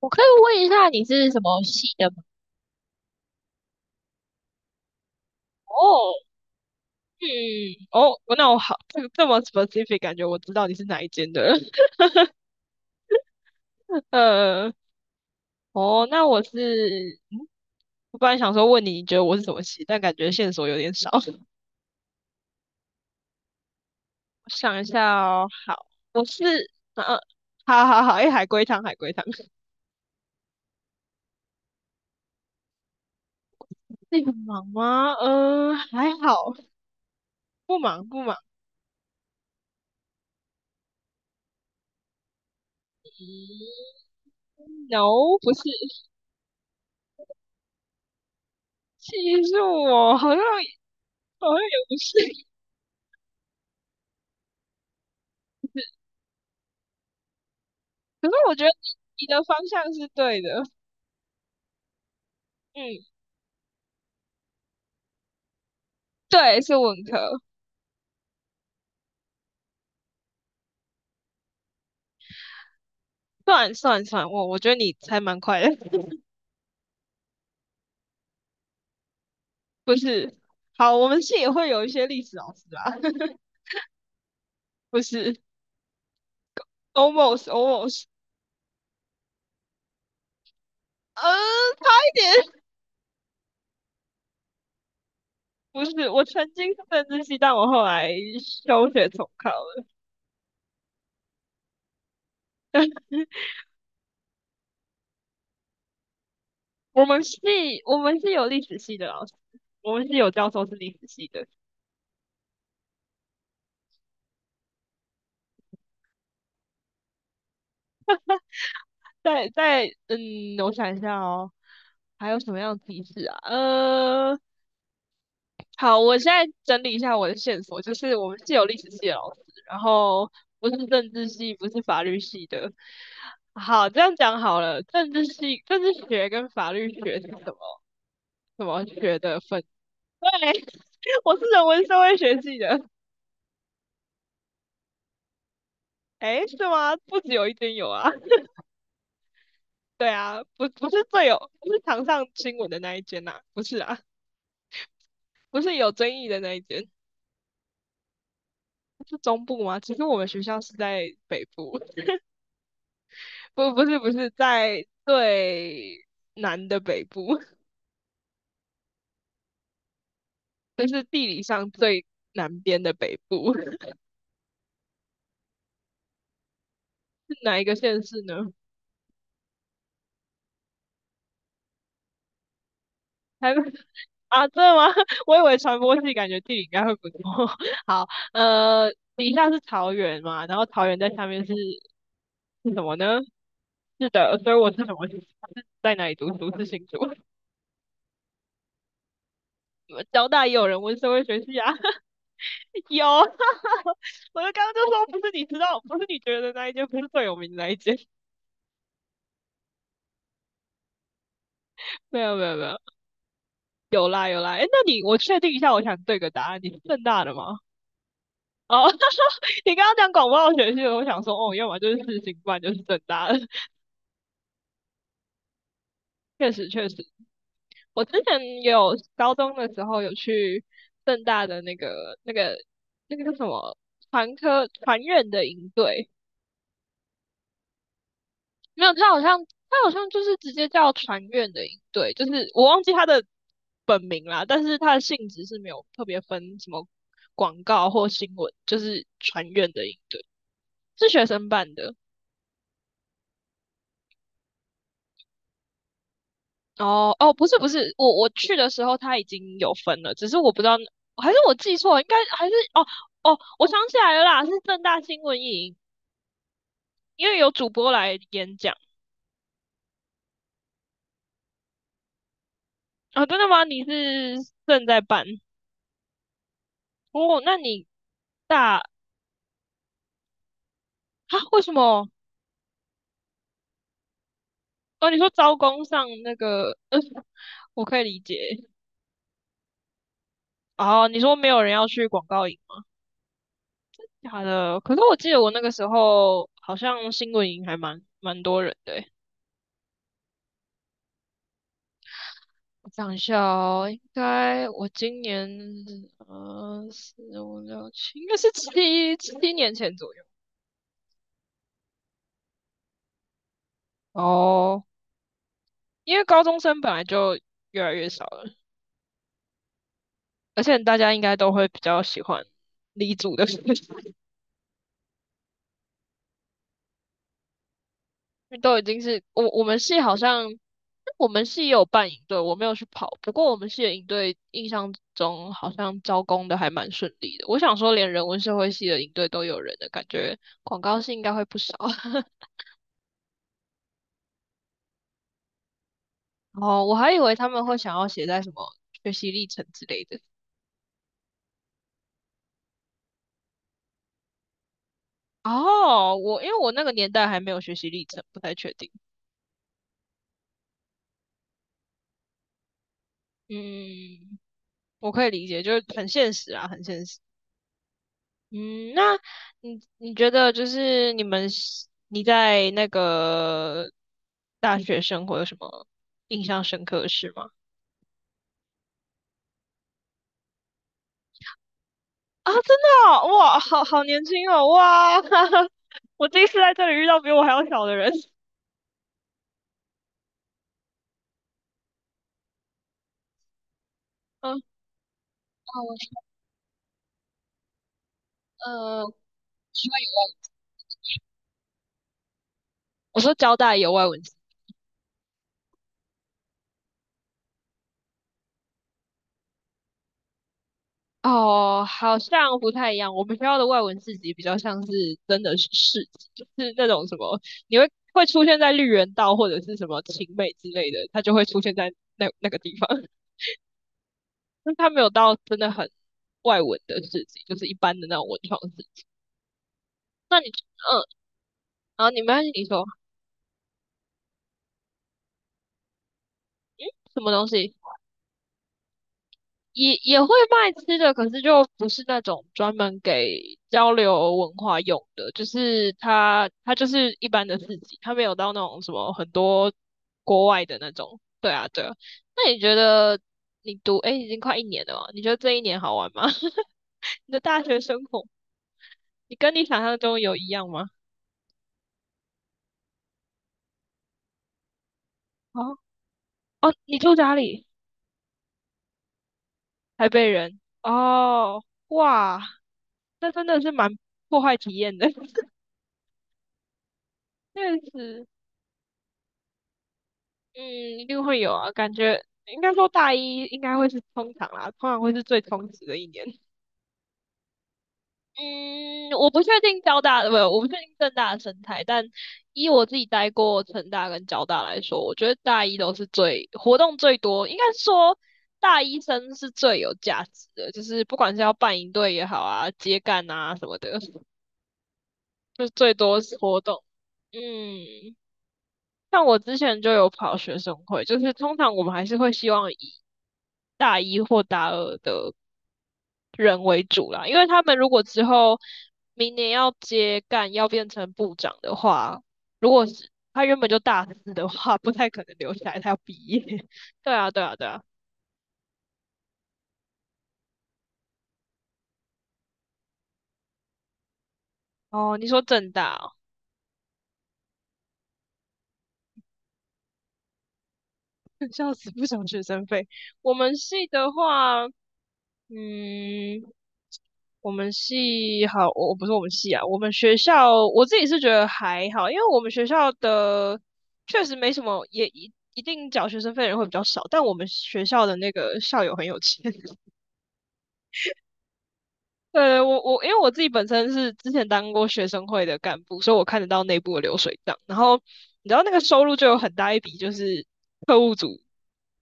我可以问一下你是什么系的吗？哦，嗯，哦，那我好，这么 specific，感觉我知道你是哪一间的。呃，哦，那我是，嗯，我本来想说问你，你觉得我是什么系，但感觉线索有点少。我想一下哦，好，我是，啊，好好好，哎，海龟汤，海龟汤，那个忙吗？还好，不忙不忙。嗯，no，不是，其实我好像也不是。可是我觉得你的方向是对的。嗯，对，是文科，算算算，我觉得你还蛮快的。不是？好，我们系也会有一些历史老师啊。不是，almost almost，嗯，差一点。不是，我曾经是政治系，但我后来休学重考了。我们系我们是有历史系的老师，我们是有教授是历史系的，在在嗯，我想一下哦，还有什么样的提示啊？好，我现在整理一下我的线索，就是我们是有历史系的老师，然后不是政治系，不是法律系的。好，这样讲好了，政治系、政治学跟法律学是什么什么学的分？对，我是人文社会学系的。诶，是吗？不止有一间有啊。对啊，不是最有，不是常上新闻的那一间呐、不是啊，不是有争议的那一间。是中部吗？其实我们学校是在北部。不是在最南的北部，就是地理上最南边的北部，是哪一个县市呢？台北啊，真的吗？我以为传播系感觉地理应该会不错。好，呃，底下是桃园嘛，然后桃园在下面是是什么呢？是的，所以我是什么系？是在哪里读书？是新竹。交大也有人问社会学系啊。有。我就刚刚就说不是你知道，不是你觉得那一间，不是最有名的那一间。没有没有没有，有啦有啦，哎，那你我确定一下，我想对个答案，你是正大的吗？哦，他说你刚刚讲广播学系的，我想说，哦，要么就是世新，不然就是正大的。确实确实。我之前也有高中的时候有去正大的那个叫什么传科传院的营队。没有，他好像就是直接叫传院的营队，就是我忘记他的本名啦，但是他的性质是没有特别分什么广告或新闻，就是传院的营队。是学生办的。哦哦，不是，我去的时候他已经有分了，只是我不知道，还是我记错了，应该还是哦，我想起来了啦，是正大新闻营，因为有主播来演讲。啊、真的吗？你是正在办哦？那你大啊？为什么？哦，你说招工上那个，我可以理解。哦，你说没有人要去广告营吗？假的，可是我记得我那个时候好像新闻营还蛮多人的欸。我想一下哦，应该我今年四五六七，应该是七年前左右。哦，因为高中生本来就越来越少了，而且大家应该都会比较喜欢理组的学生。因为都已经是我们系好像我们系也有办营队，我没有去跑，不过我们系的营队印象中好像招工的还蛮顺利的。我想说，连人文社会系的营队都有人的感觉，广告系应该会不少。哦，我还以为他们会想要写在什么学习历程之类的。哦，我因为我那个年代还没有学习历程，不太确定。嗯，我可以理解，就是很现实啊，很现实。嗯，那你觉得就是你们是你在那个大学生活有什么印象深刻的事吗？啊，真的哦哇，好好年轻哦，哇，我第一次在这里遇到比我还要小的人。嗯，啊，我呃，我说交大有外文。系。哦，好像不太一样。我们学校的外文四级比较像是真的是四级，就是那种什么，你会出现在绿园道或者是什么晴美之类的，它就会出现在那个地方。但它没有到真的很外文的四级，就是一般的那种文创市集。那你，嗯，然后你没关系，你说，嗯，什么东西？也会卖吃的，可是就不是那种专门给交流文化用的，就是它就是一般的市集，它没有到那种什么很多国外的那种。对啊，对啊。那你觉得你读诶已经快一年了嘛？你觉得这一年好玩吗？你的大学生活，你跟你想象中有一样吗？哦哦，你住哪里？台北人。哦，哇，那真的是蛮破坏体验的。确实。嗯，一定会有啊，感觉应该说大一应该会是通常啦，通常会是最充实的一年。嗯，我不确定交大的，不，我不确定政大的生态，但以我自己待过成大跟交大来说，我觉得大一都是最活动最多，应该说大一生是最有价值的，就是不管是要办营队也好啊，接干啊什么的，就是最多是活动。嗯，像我之前就有跑学生会，就是通常我们还是会希望以大一或大二的人为主啦，因为他们如果之后明年要接干，要变成部长的话，如果是他原本就大四的话，不太可能留下来，他要毕业。对啊，对啊，对啊。哦，你说正大哦。笑死，不想学生费。我们系的话，嗯，我们系好，我不是我们系啊，我们学校我自己是觉得还好，因为我们学校的确实没什么，也一定缴学生费的人会比较少，但我们学校的那个校友很有钱。我因为我自己本身是之前当过学生会的干部，所以我看得到内部的流水账。然后你知道那个收入就有很大一笔就是特务组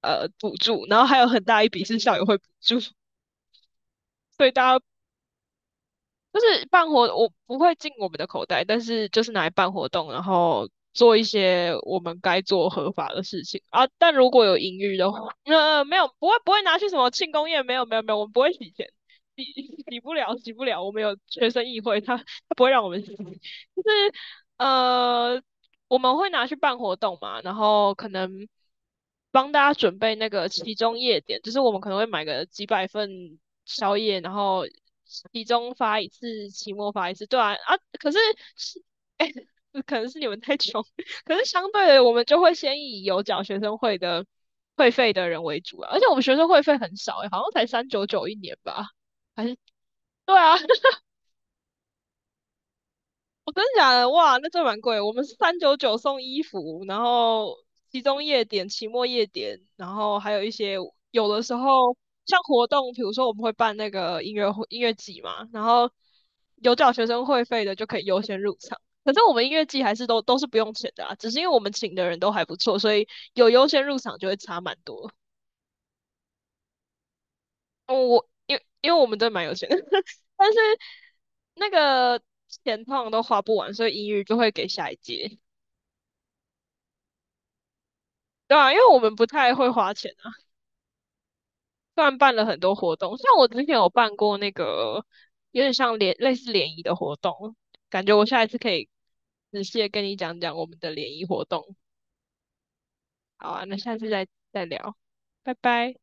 补助，然后还有很大一笔是校友会补助。所以大家就是办活，我不会进我们的口袋，但是就是拿来办活动，然后做一些我们该做合法的事情啊。但如果有盈余的话，没有，不会拿去什么庆功宴，没有没有没有，我们不会洗钱，洗洗不了洗不了，我们有学生议会，他不会让我们洗，就是呃，我们会拿去办活动嘛，然后可能帮大家准备那个期中夜点，就是我们可能会买个几百份宵夜，然后期中发一次，期末发一次，对啊啊，可是是哎、可能是你们太穷。可是相对的，我们就会先以有缴学生会的会费的人为主啊，而且我们学生会费很少、欸，好像才399一年吧，还是对啊，我真的假的？哇，那这蛮贵。我们是三九九送衣服，然后集中夜点、期末夜点，然后还有一些有的时候像活动，比如说我们会办那个音乐会、音乐季嘛，然后有缴学生会费的就可以优先入场。可是我们音乐季还是都是不用钱的啊，只是因为我们请的人都还不错，所以有优先入场就会差蛮多。哦，我因为我们真的蛮有钱的，但是那个钱通常都花不完，所以音乐就会给下一届。对啊，因为我们不太会花钱啊，虽然办了很多活动，像我之前有办过那个有点像联类似联谊的活动，感觉我下一次可以仔细的跟你讲讲我们的联谊活动。好啊，那下次再聊，拜拜。